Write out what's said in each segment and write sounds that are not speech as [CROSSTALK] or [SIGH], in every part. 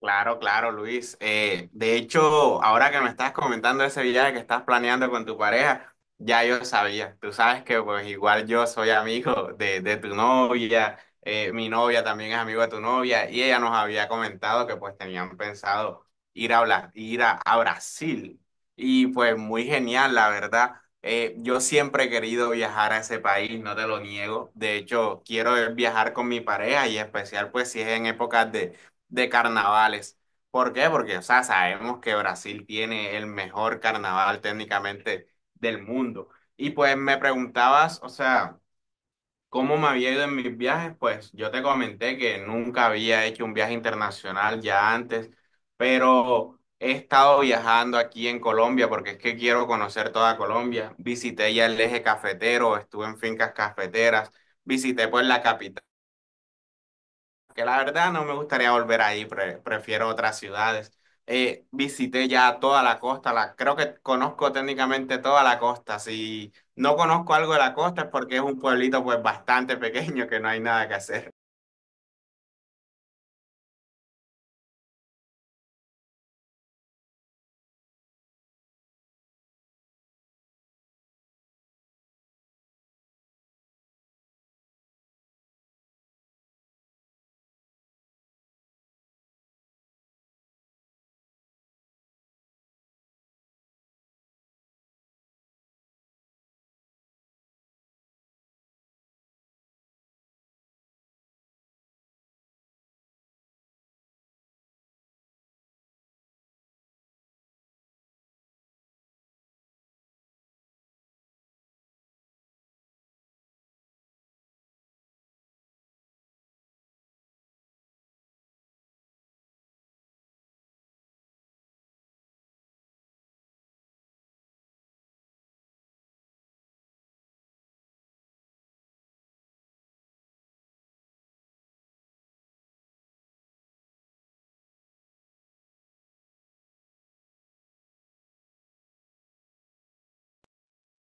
Claro, claro, Luis. De hecho, ahora que me estás comentando ese viaje que estás planeando con tu pareja, ya yo sabía. Tú sabes que pues igual yo soy amigo de tu novia, mi novia también es amigo de tu novia y ella nos había comentado que pues tenían pensado ir a Brasil. Y pues muy genial, la verdad. Yo siempre he querido viajar a ese país, no te lo niego. De hecho, quiero viajar con mi pareja y en especial pues si es en épocas de carnavales. ¿Por qué? Porque, o sea, sabemos que Brasil tiene el mejor carnaval técnicamente del mundo. Y pues me preguntabas, o sea, ¿cómo me había ido en mis viajes? Pues yo te comenté que nunca había hecho un viaje internacional ya antes, pero he estado viajando aquí en Colombia porque es que quiero conocer toda Colombia. Visité ya el eje cafetero, estuve en fincas cafeteras, visité pues la capital, que la verdad no me gustaría volver ahí, prefiero otras ciudades. Visité ya toda la costa, creo que conozco técnicamente toda la costa. Si no conozco algo de la costa es porque es un pueblito pues bastante pequeño que no hay nada que hacer.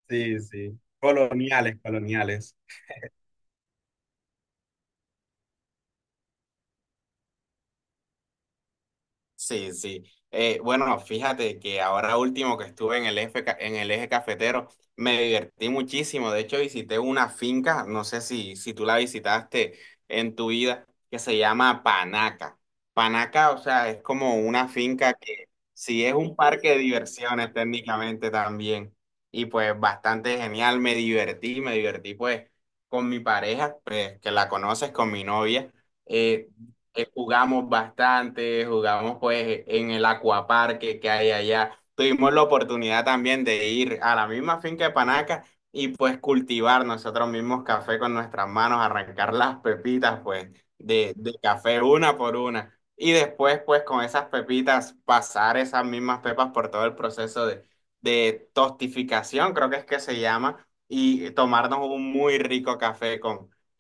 Sí, sí. Coloniales, coloniales. Sí, sí. Bueno, fíjate que ahora último que estuve en el eje cafetero, me divertí muchísimo. De hecho, visité una finca, no sé si tú la visitaste en tu vida, que se llama Panaca. Panaca, o sea, es como una finca que sí es un parque de diversiones técnicamente también. Y pues bastante genial, me divertí pues con mi pareja, pues que la conoces, con mi novia. Eh, jugamos bastante, jugamos pues en el acuaparque que hay allá. Tuvimos la oportunidad también de ir a la misma finca de Panaca y pues cultivar nosotros mismos café con nuestras manos, arrancar las pepitas pues de café una por una. Y después pues con esas pepitas pasar esas mismas pepas por todo el proceso de tostificación, creo que es que se llama, y tomarnos un muy rico café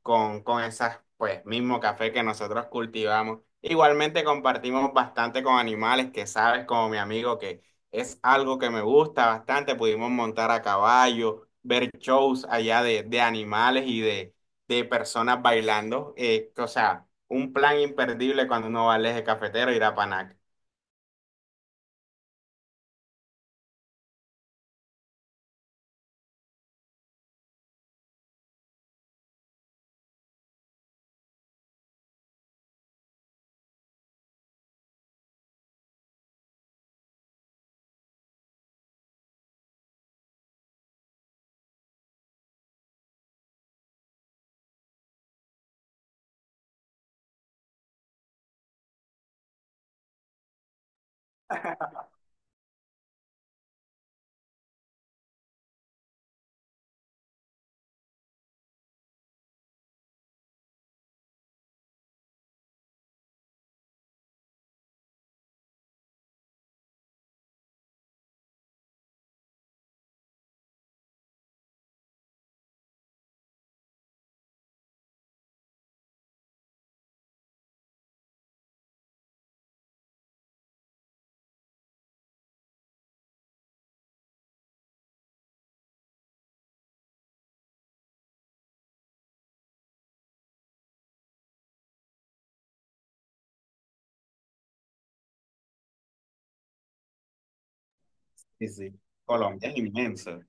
con esas, pues, mismo café que nosotros cultivamos. Igualmente compartimos bastante con animales, que sabes, como mi amigo, que es algo que me gusta bastante. Pudimos montar a caballo, ver shows allá de animales y de personas bailando. O sea, un plan imperdible cuando uno va al eje cafetero ir a Panac. Sí, sí. Colombia es inmenso.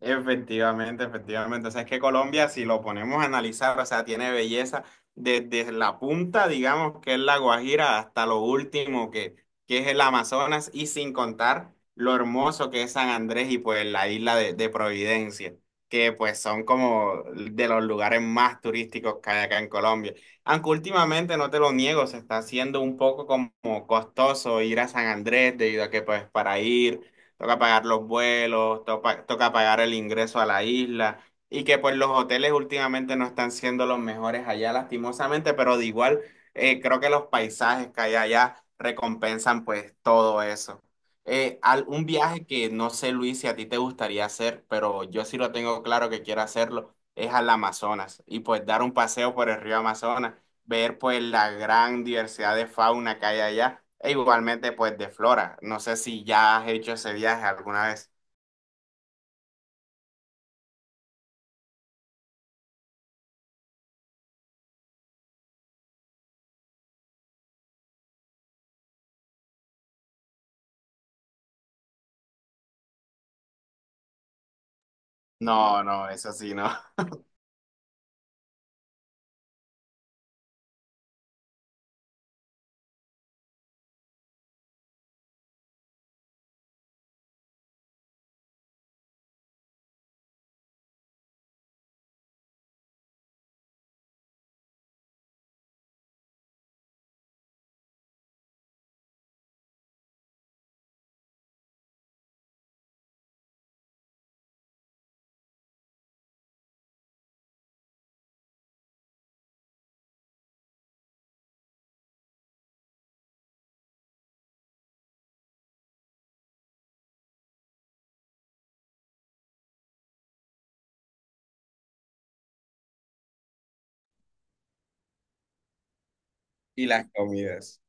Efectivamente, efectivamente. O sea, es que Colombia, si lo ponemos a analizar, o sea, tiene belleza desde la punta, digamos, que es la Guajira, hasta lo último, que es el Amazonas, y sin contar lo hermoso que es San Andrés y pues la isla de Providencia, que pues son como de los lugares más turísticos que hay acá en Colombia. Aunque últimamente, no te lo niego, se está haciendo un poco como costoso ir a San Andrés, debido a que pues para ir toca pagar los vuelos, toca pagar el ingreso a la isla y que pues los hoteles últimamente no están siendo los mejores allá lastimosamente, pero de igual, creo que los paisajes que hay allá recompensan pues todo eso. Un viaje que no sé, Luis, si a ti te gustaría hacer, pero yo sí lo tengo claro que quiero hacerlo, es al Amazonas y pues dar un paseo por el río Amazonas, ver pues la gran diversidad de fauna que hay allá e igualmente pues de flora. No sé si ya has hecho ese viaje alguna vez. No, no, eso sí, no. [LAUGHS] Y las comidas.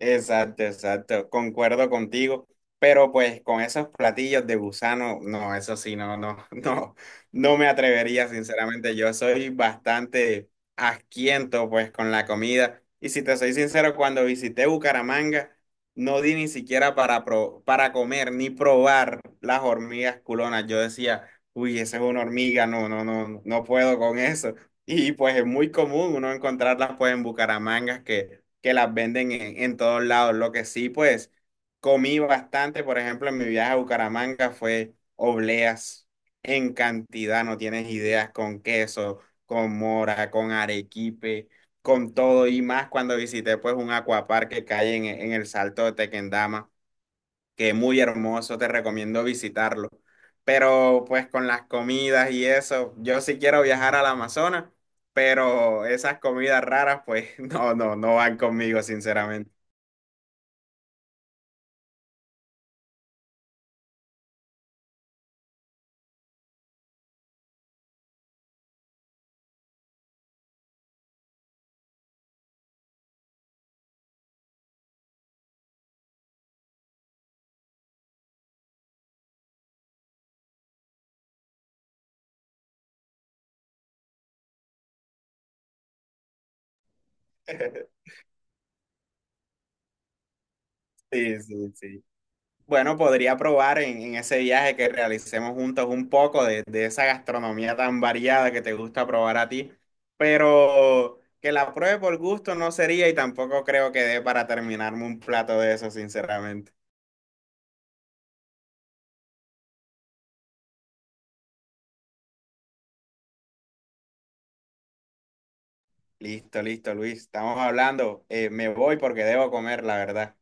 Exacto, exacto, concuerdo contigo, pero pues con esos platillos de gusano, no, eso sí, no, no, [LAUGHS] no, no me atrevería, sinceramente. Yo soy bastante asquiento pues con la comida y si te soy sincero, cuando visité Bucaramanga, no di ni siquiera para comer ni probar las hormigas culonas, yo decía, uy, esa es una hormiga, no, no, no, no puedo con eso. Y pues es muy común uno encontrarlas pues en Bucaramanga que las venden en todos lados. Lo que sí pues comí bastante, por ejemplo, en mi viaje a Bucaramanga fue obleas en cantidad, no tienes ideas, con queso, con mora, con arequipe, con todo y más cuando visité pues un acuapark que cae en el Salto de Tequendama, que es muy hermoso, te recomiendo visitarlo. Pero pues con las comidas y eso, yo sí quiero viajar al Amazonas, pero esas comidas raras pues [LAUGHS] no, no, no van conmigo, sinceramente. [LAUGHS] Sí, sí, sí. Bueno, podría probar en ese viaje que realicemos juntos un poco de esa gastronomía tan variada que te gusta probar a ti, pero que la pruebe por gusto no sería y tampoco creo que dé para terminarme un plato de eso, sinceramente. Listo, listo, Luis. Estamos hablando. Me voy porque debo comer, la verdad.